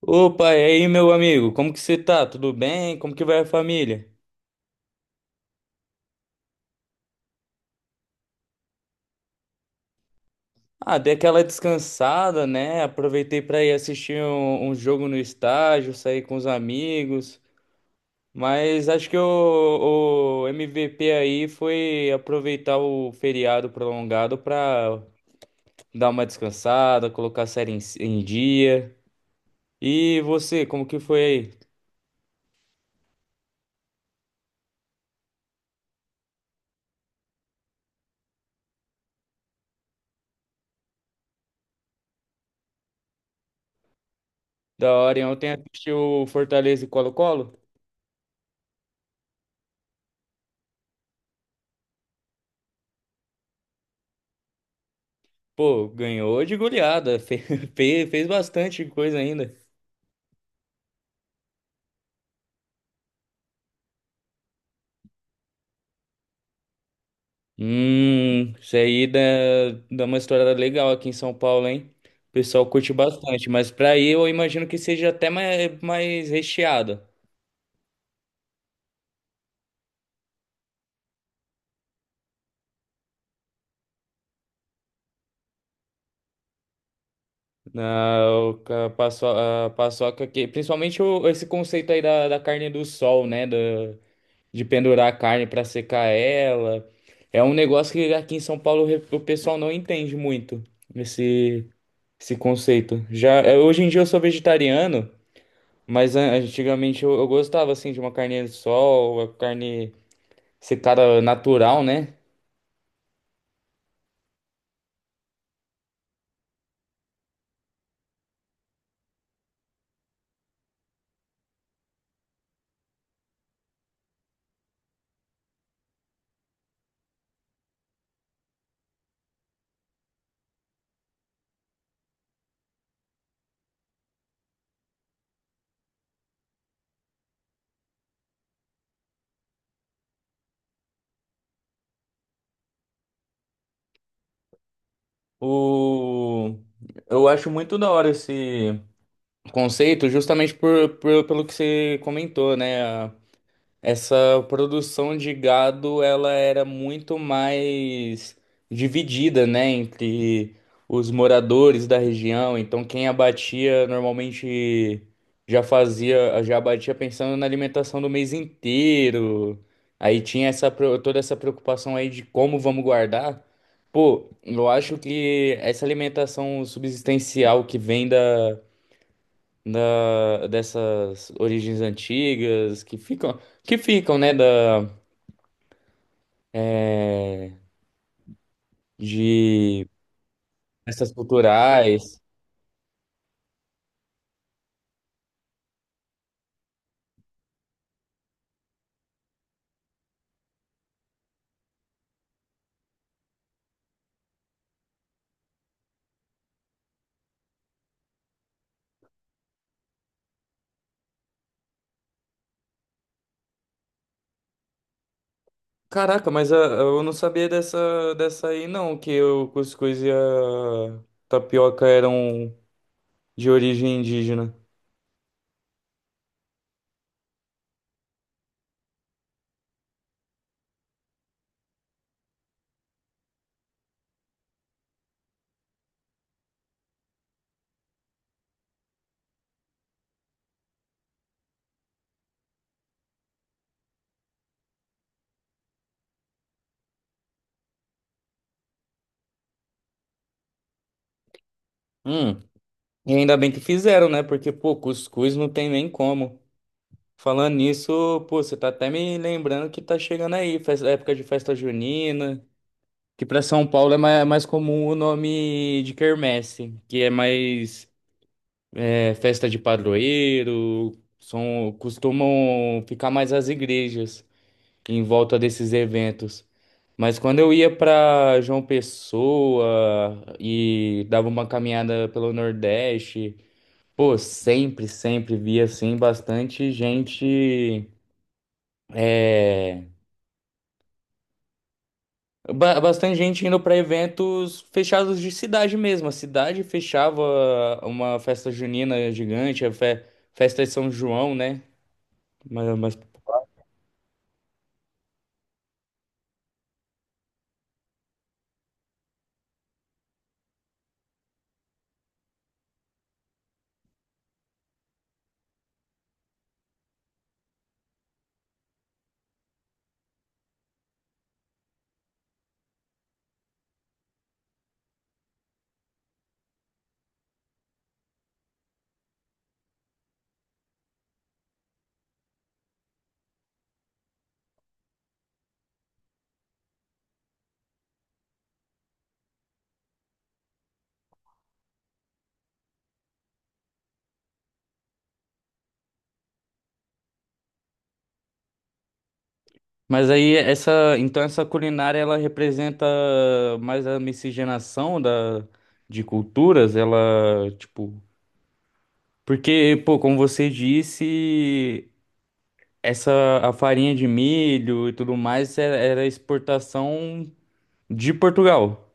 Opa, e aí, meu amigo? Como que você tá? Tudo bem? Como que vai a família? Ah, dei aquela descansada, né? Aproveitei para ir assistir um jogo no estádio, sair com os amigos. Mas acho que o MVP aí foi aproveitar o feriado prolongado para dar uma descansada, colocar a série em dia. E você, como que foi aí? Da hora, hein? Ontem assistiu o Fortaleza e Colo-Colo? Pô, ganhou de goleada, fez bastante coisa ainda. Isso aí dá uma história legal aqui em São Paulo, hein? O pessoal curte bastante, mas pra aí eu imagino que seja até mais, mais recheado. Na, a paçoca que, principalmente esse conceito aí da carne do sol, né? Da, de pendurar a carne pra secar ela. É um negócio que aqui em São Paulo o pessoal não entende muito. Esse conceito. Já, é, hoje em dia eu sou vegetariano, mas antigamente eu gostava assim de uma carne de sol, a carne secada natural, né? O, eu acho muito da hora esse conceito, justamente por, pelo que você comentou, né? Essa produção de gado, ela era muito mais dividida, né, entre os moradores da região. Então, quem abatia normalmente já fazia, já abatia pensando na alimentação do mês inteiro. Aí tinha essa, toda essa preocupação aí de como vamos guardar. Pô, eu acho que essa alimentação subsistencial que vem da da, dessas origens antigas que ficam, né, da, de essas culturais. Caraca, mas ah, eu não sabia dessa, dessa aí não, que o cuscuz e a tapioca eram de origem indígena. Hum, e ainda bem que fizeram, né? Porque, pô, cuscuz não tem nem como. Falando nisso, pô, você tá até me lembrando que tá chegando aí, época de festa junina. Que para São Paulo é mais, mais comum o nome de quermesse, que é mais é, festa de padroeiro, são, costumam ficar mais as igrejas em volta desses eventos. Mas quando eu ia para João Pessoa e dava uma caminhada pelo Nordeste, pô, sempre, sempre via assim bastante gente é, Bastante gente indo para eventos fechados de cidade mesmo. A cidade fechava uma festa junina gigante, a festa de São João, né? Mas, mas, mas aí essa, então essa culinária ela representa mais a miscigenação da, de culturas, ela tipo, porque, pô, como você disse, essa a farinha de milho e tudo mais era era exportação de Portugal.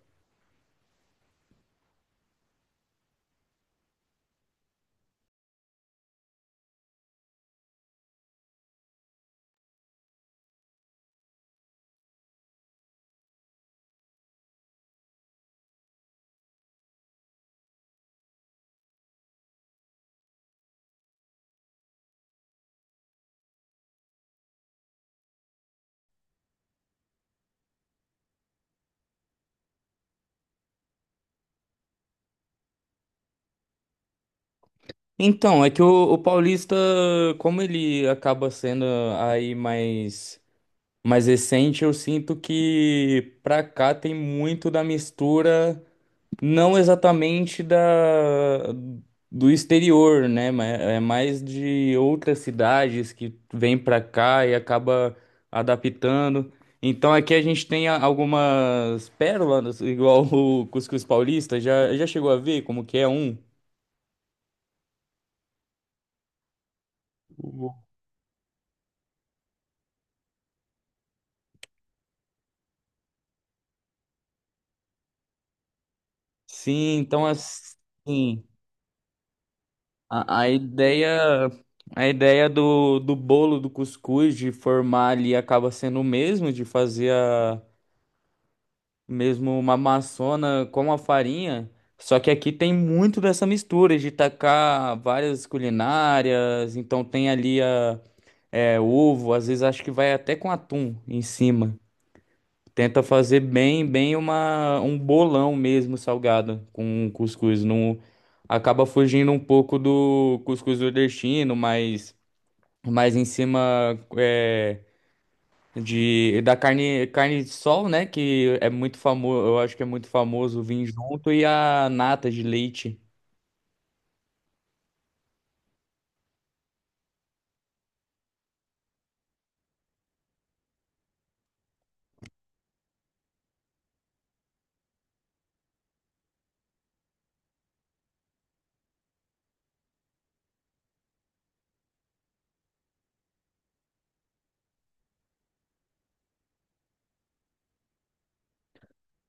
Então, é que o Paulista, como ele acaba sendo aí mais, mais recente, eu sinto que pra cá tem muito da mistura, não exatamente da, do exterior, né? Mas é mais de outras cidades que vêm pra cá e acaba adaptando. Então aqui a gente tem algumas pérolas, igual o Cuscuz Paulista, já, já chegou a ver como que é um? Sim, então assim, a ideia a ideia do, do bolo do cuscuz de formar ali acaba sendo o mesmo, de fazer a mesmo uma maçona com a farinha, só que aqui tem muito dessa mistura de tacar várias culinárias, então tem ali a é, ovo, às vezes acho que vai até com atum em cima. Tenta fazer bem, bem uma, um bolão mesmo salgado com cuscuz. Não, acaba fugindo um pouco do cuscuz nordestino, mas mais em cima é, de, da carne, carne de sol, né? Que é muito famoso, eu acho que é muito famoso vir junto, e a nata de leite.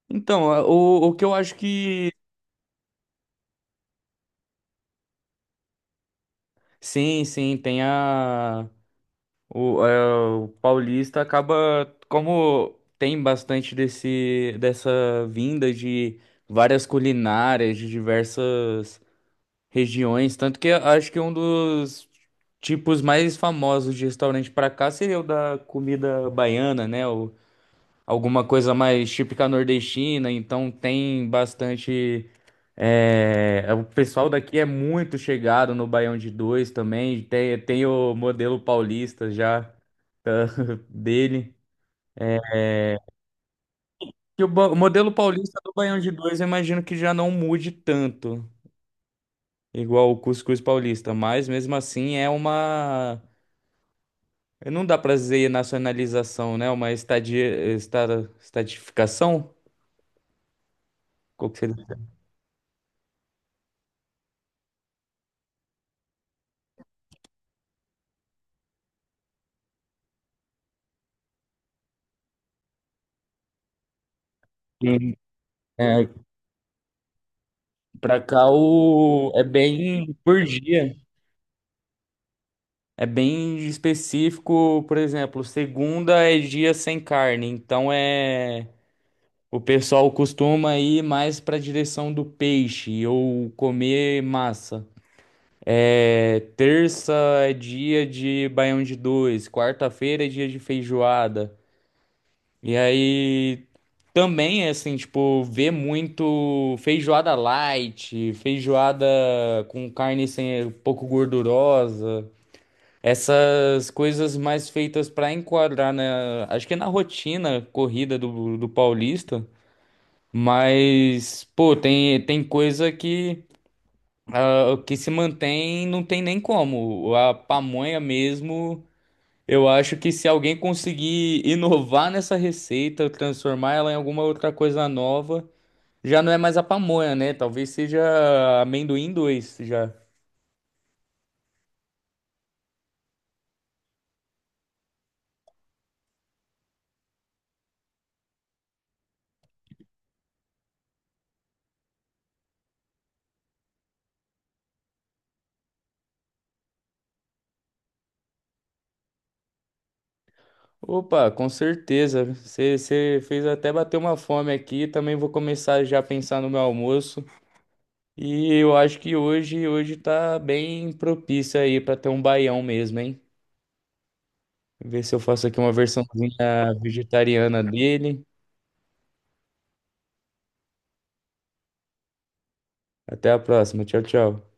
Então, o que eu acho que. Sim, sim, tem a. O, é, o paulista acaba, como tem bastante desse, dessa vinda de várias culinárias de diversas regiões, tanto que eu acho que um dos tipos mais famosos de restaurante para cá seria o da comida baiana, né? Alguma coisa mais típica nordestina, então tem bastante. É, é, o pessoal daqui é muito chegado no Baião de Dois também, tem, tem o modelo paulista já tá, dele. E o, o modelo paulista do Baião de Dois eu imagino que já não mude tanto, igual o cuscuz paulista, mas mesmo assim é uma. Não dá pra dizer nacionalização, né? Uma estadia, esta, estadificação? Qual que seria? Sim. É, pra cá o... é bem por dia. É bem específico, por exemplo, segunda é dia sem carne, então é o pessoal costuma ir mais para a direção do peixe ou comer massa. É, terça é dia de baião de dois, quarta-feira é dia de feijoada. E aí também assim, tipo, vê muito feijoada light, feijoada com carne sem um pouco gordurosa, essas coisas mais feitas para enquadrar na, acho que é na rotina corrida do, do paulista, mas pô, tem coisa que ah, que se mantém, não tem nem como. A pamonha mesmo eu acho que se alguém conseguir inovar nessa receita, transformar ela em alguma outra coisa nova, já não é mais a pamonha, né? Talvez seja amendoim dois já. Opa, com certeza. Você fez até bater uma fome aqui. Também vou começar já a pensar no meu almoço. E eu acho que hoje tá bem propício aí para ter um baião mesmo, hein? Ver se eu faço aqui uma versãozinha vegetariana dele. Até a próxima. Tchau, tchau.